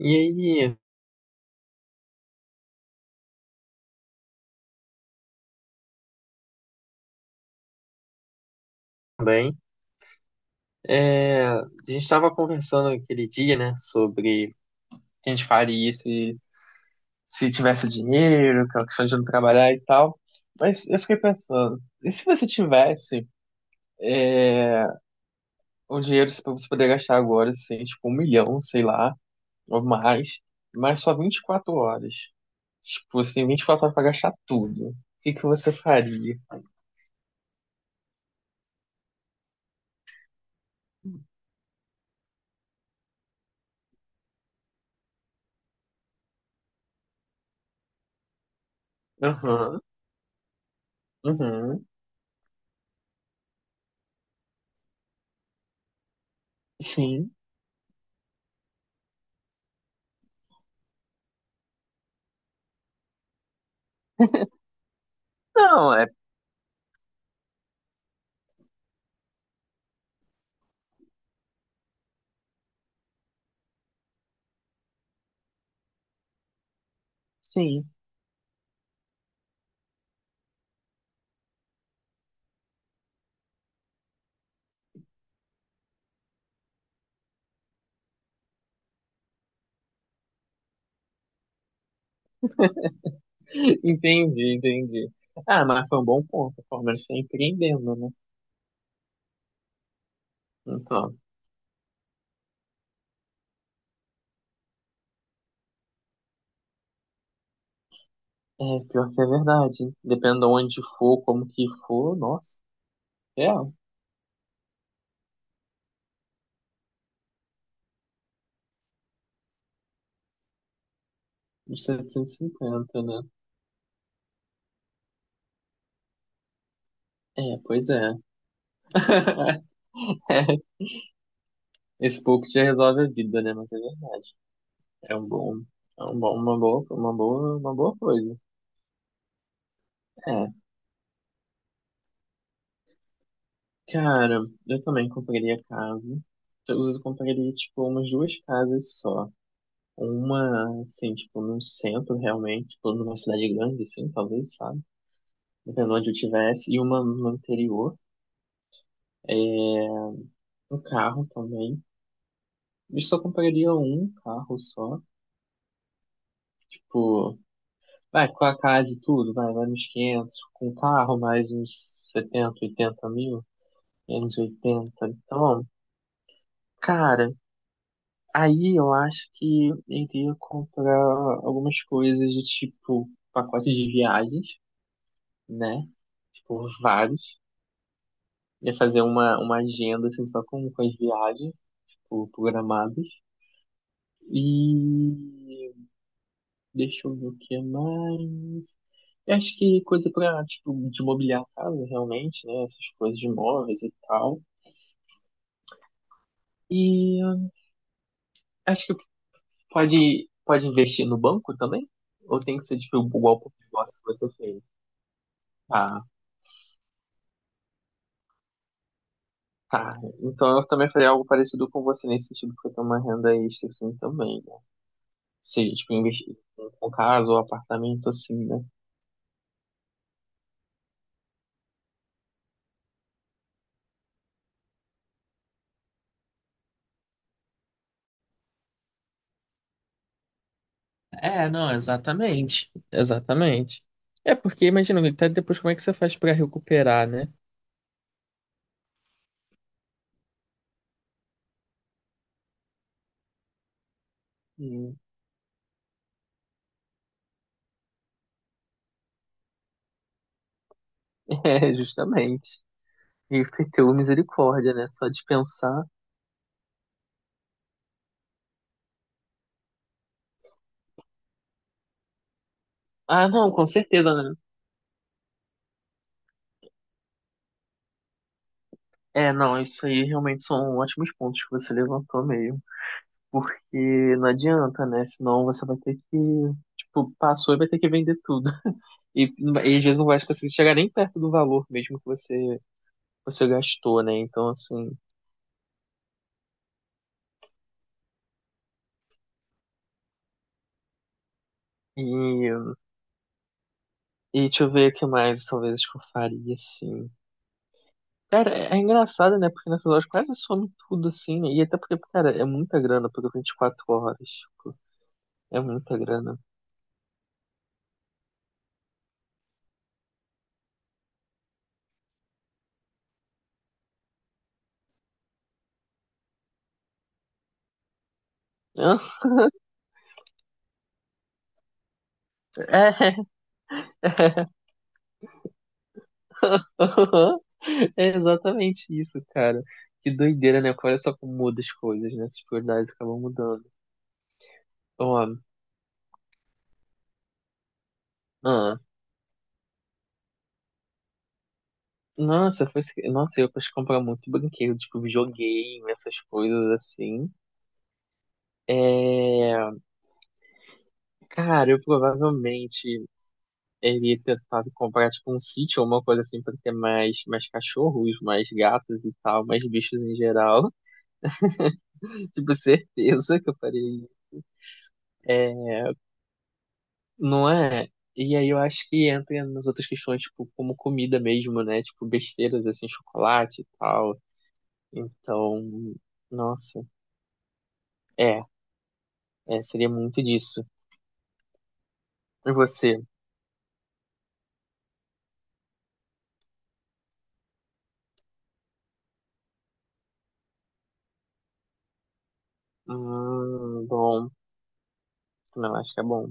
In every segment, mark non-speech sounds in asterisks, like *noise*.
E aí, também, a gente estava conversando aquele dia, né, sobre o que a gente faria se tivesse dinheiro, aquela questão de não trabalhar e tal. Mas eu fiquei pensando, e se você tivesse é, o dinheiro para você poder gastar agora, assim, tipo, um milhão, sei lá, ou mais, mas só vinte e quatro horas. Tipo, você tem 24 horas para gastar tudo. O que que você faria? Aham, uhum, sim. Não, é, sim. *laughs* Entendi, entendi. Ah, mas foi um bom ponto. O Palmeiras está empreendendo, né? Então, é pior que é verdade. Dependendo de onde for, como que for, nossa, é, uns setecentos e cinquenta, né? É, pois é. *laughs* Esse pouco já resolve a vida, né? Mas é verdade. É um bom, uma boa coisa. É, cara, eu também compraria casa. Às vezes eu compraria, tipo, umas duas casas só. Uma, assim, tipo, num centro realmente, tipo, numa cidade grande, assim, talvez, sabe? Dependendo onde eu tivesse, e uma no interior, um carro também. Eu só compraria um carro só, tipo, vai, com a casa e tudo, vai nos 500 com o carro mais uns setenta oitenta mil, menos oitenta. Então, cara, aí eu acho que eu iria comprar algumas coisas de tipo, pacote de viagens, né? Tipo, vários. Ia fazer uma agenda, assim, só com as viagens, tipo, programadas. E deixa eu ver o que mais. Eu acho que coisa pra, tipo, de mobiliar a casa, realmente, né? Essas coisas de imóveis e tal. E acho que pode investir no banco também? Ou tem que ser, tipo, igual pro negócio que você fez? Ah, tá. Então eu também faria algo parecido com você nesse sentido, porque eu tenho uma renda extra, assim, também, né? Seja, tipo, investir com casa ou apartamento, assim, né? É, não, exatamente. Exatamente. É porque imagina, até depois como é que você faz pra recuperar, né? Hum. *laughs* É, justamente. E teu misericórdia, né? Só de pensar. Ah, não, com certeza, né? É, não, isso aí realmente são ótimos pontos que você levantou meio. Porque não adianta, né? Senão você vai ter que, tipo, passou e vai ter que vender tudo. *laughs* E às vezes não vai conseguir chegar nem perto do valor mesmo que você gastou, né? Então, assim, e E deixa eu ver o que mais talvez que eu faria, assim. Cara, é engraçado, né? Porque nessa loja quase some tudo, assim, né? E até porque, cara, é muita grana, porque vinte e quatro horas, tipo, é muita grana. Hã? É, *laughs* é exatamente isso, cara. Que doideira, né? Olha só como muda as coisas, né? As prioridades acabam mudando. Ó, ah, nossa, foi, nossa, eu posso comprar muito brinquedo, tipo, videogame, essas coisas assim. É, cara, eu provavelmente ele ia tentar comprar tipo um sítio ou uma coisa assim pra ter mais, cachorros, mais gatos e tal, mais bichos em geral. *laughs* Tipo, certeza que eu faria isso. É, não é? E aí eu acho que entra nas outras questões, tipo, como comida mesmo, né? Tipo, besteiras assim, chocolate e tal. Então, nossa, é, seria muito disso. E você? Bom, não, acho que é bom.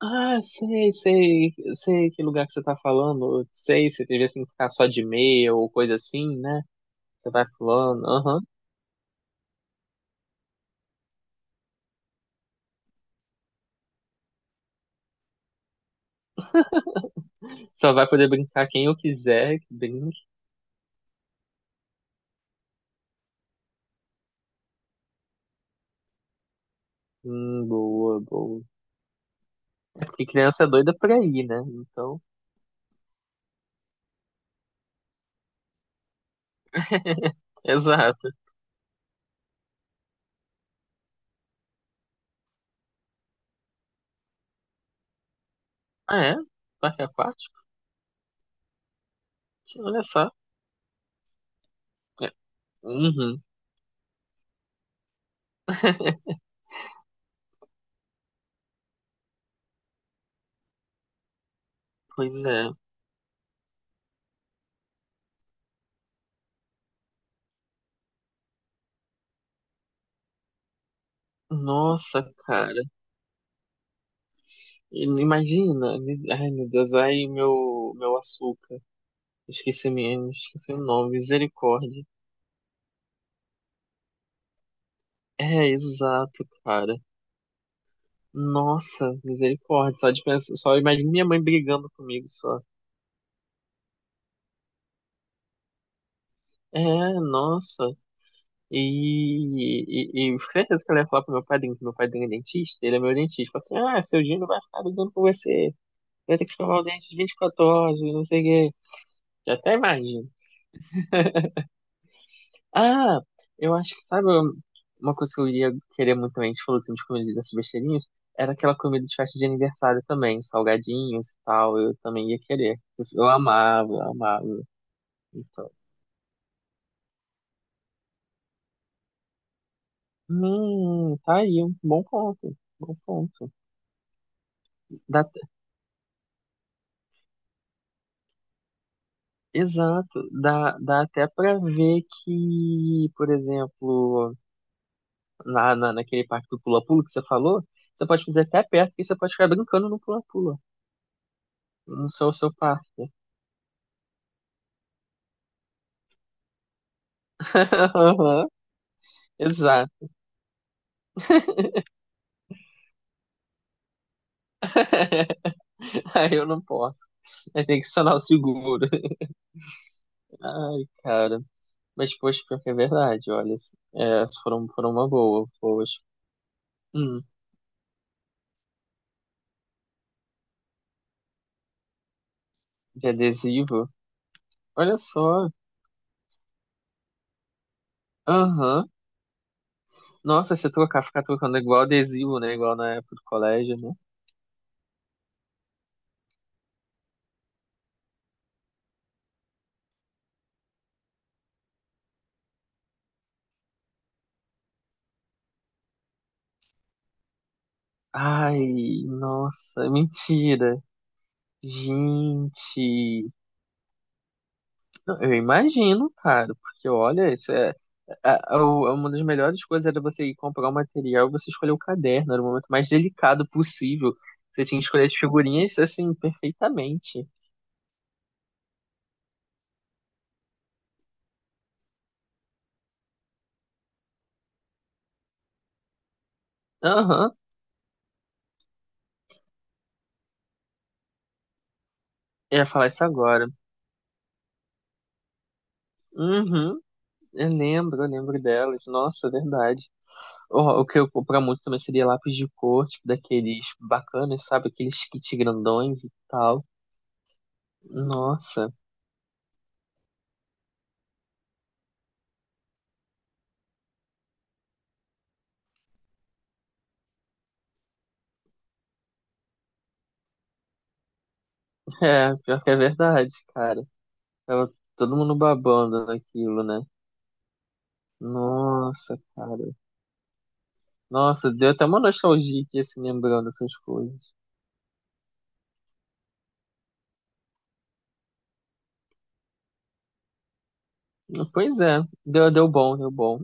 Ah, sei, sei, sei que lugar que você tá falando. Eu sei, você teria que ficar só de meia ou coisa assim, né? Você vai falando, aham. Só vai poder brincar quem eu quiser, que brinque. Boa, boa. É porque criança é doida pra ir, né? Então, *laughs* exato. Ah, é? Parque aquático? Olha só. É. Uhum. *laughs* Pois é. Nossa, cara. Imagina. Ai, meu Deus. Ai, meu açúcar. Esqueci, esqueci o nome. Misericórdia. É, exato, cara. Nossa, misericórdia. Só, de pensar, só imagina minha mãe brigando comigo só. É, nossa. E, e eu fiquei certeza que ela ia falar pro meu padrinho, que meu padrinho é dentista, ele é meu dentista. Fala assim, ah, seu Gino vai ficar brigando com você. Vai ter que escovar o dente de 24 horas, não sei o quê. Já até imagino. Ah, eu acho que, sabe, uma coisa que eu iria querer muito também, a gente falou assim, de comida dessas besteirinhas, era aquela comida de festa de aniversário também, salgadinhos e tal, eu também ia querer. Eu amava, eu amava. Então, tá aí, um bom ponto, bom ponto. Dá, exato, dá até pra ver que, por exemplo, naquele parque do pula-pula que você falou, você pode fazer até perto, e você pode ficar brincando no pula-pula, no seu parque. *laughs* Aham, exato. *laughs* Aí eu não posso. Aí tem que acionar o seguro. *laughs* Ai, cara. Mas, poxa, pior que é verdade, olha. É, foram uma boa, poxa. Hum, de adesivo. Olha só. Aham. Nossa, se tocar, ficar tocando igual adesivo, né? Igual na época do colégio, né? Ai, nossa, mentira. Gente. Não, eu imagino, cara, porque olha, isso é. Uma das melhores coisas era você ir comprar o material e você escolher o caderno. Era o momento mais delicado possível. Você tinha que escolher as figurinhas, assim, perfeitamente. Aham. Eu ia falar isso agora. Uhum. Eu lembro delas. Nossa, é verdade. O que eu comprar muito também seria lápis de cor, tipo, daqueles bacanas, sabe? Aqueles kit grandões e tal. Nossa. *laughs* É, pior que é verdade, cara. Tava todo mundo babando naquilo, né? Nossa, cara. Nossa, deu até uma nostalgia aqui, assim, lembrando dessas coisas. Pois é, deu bom, deu bom.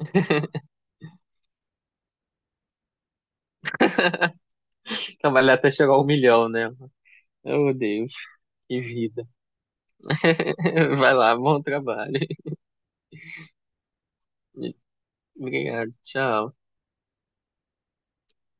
*laughs* Trabalhar até chegar ao milhão, né? Meu Deus, que vida. *laughs* Vai lá, bom trabalho. *laughs* Obrigado, tchau.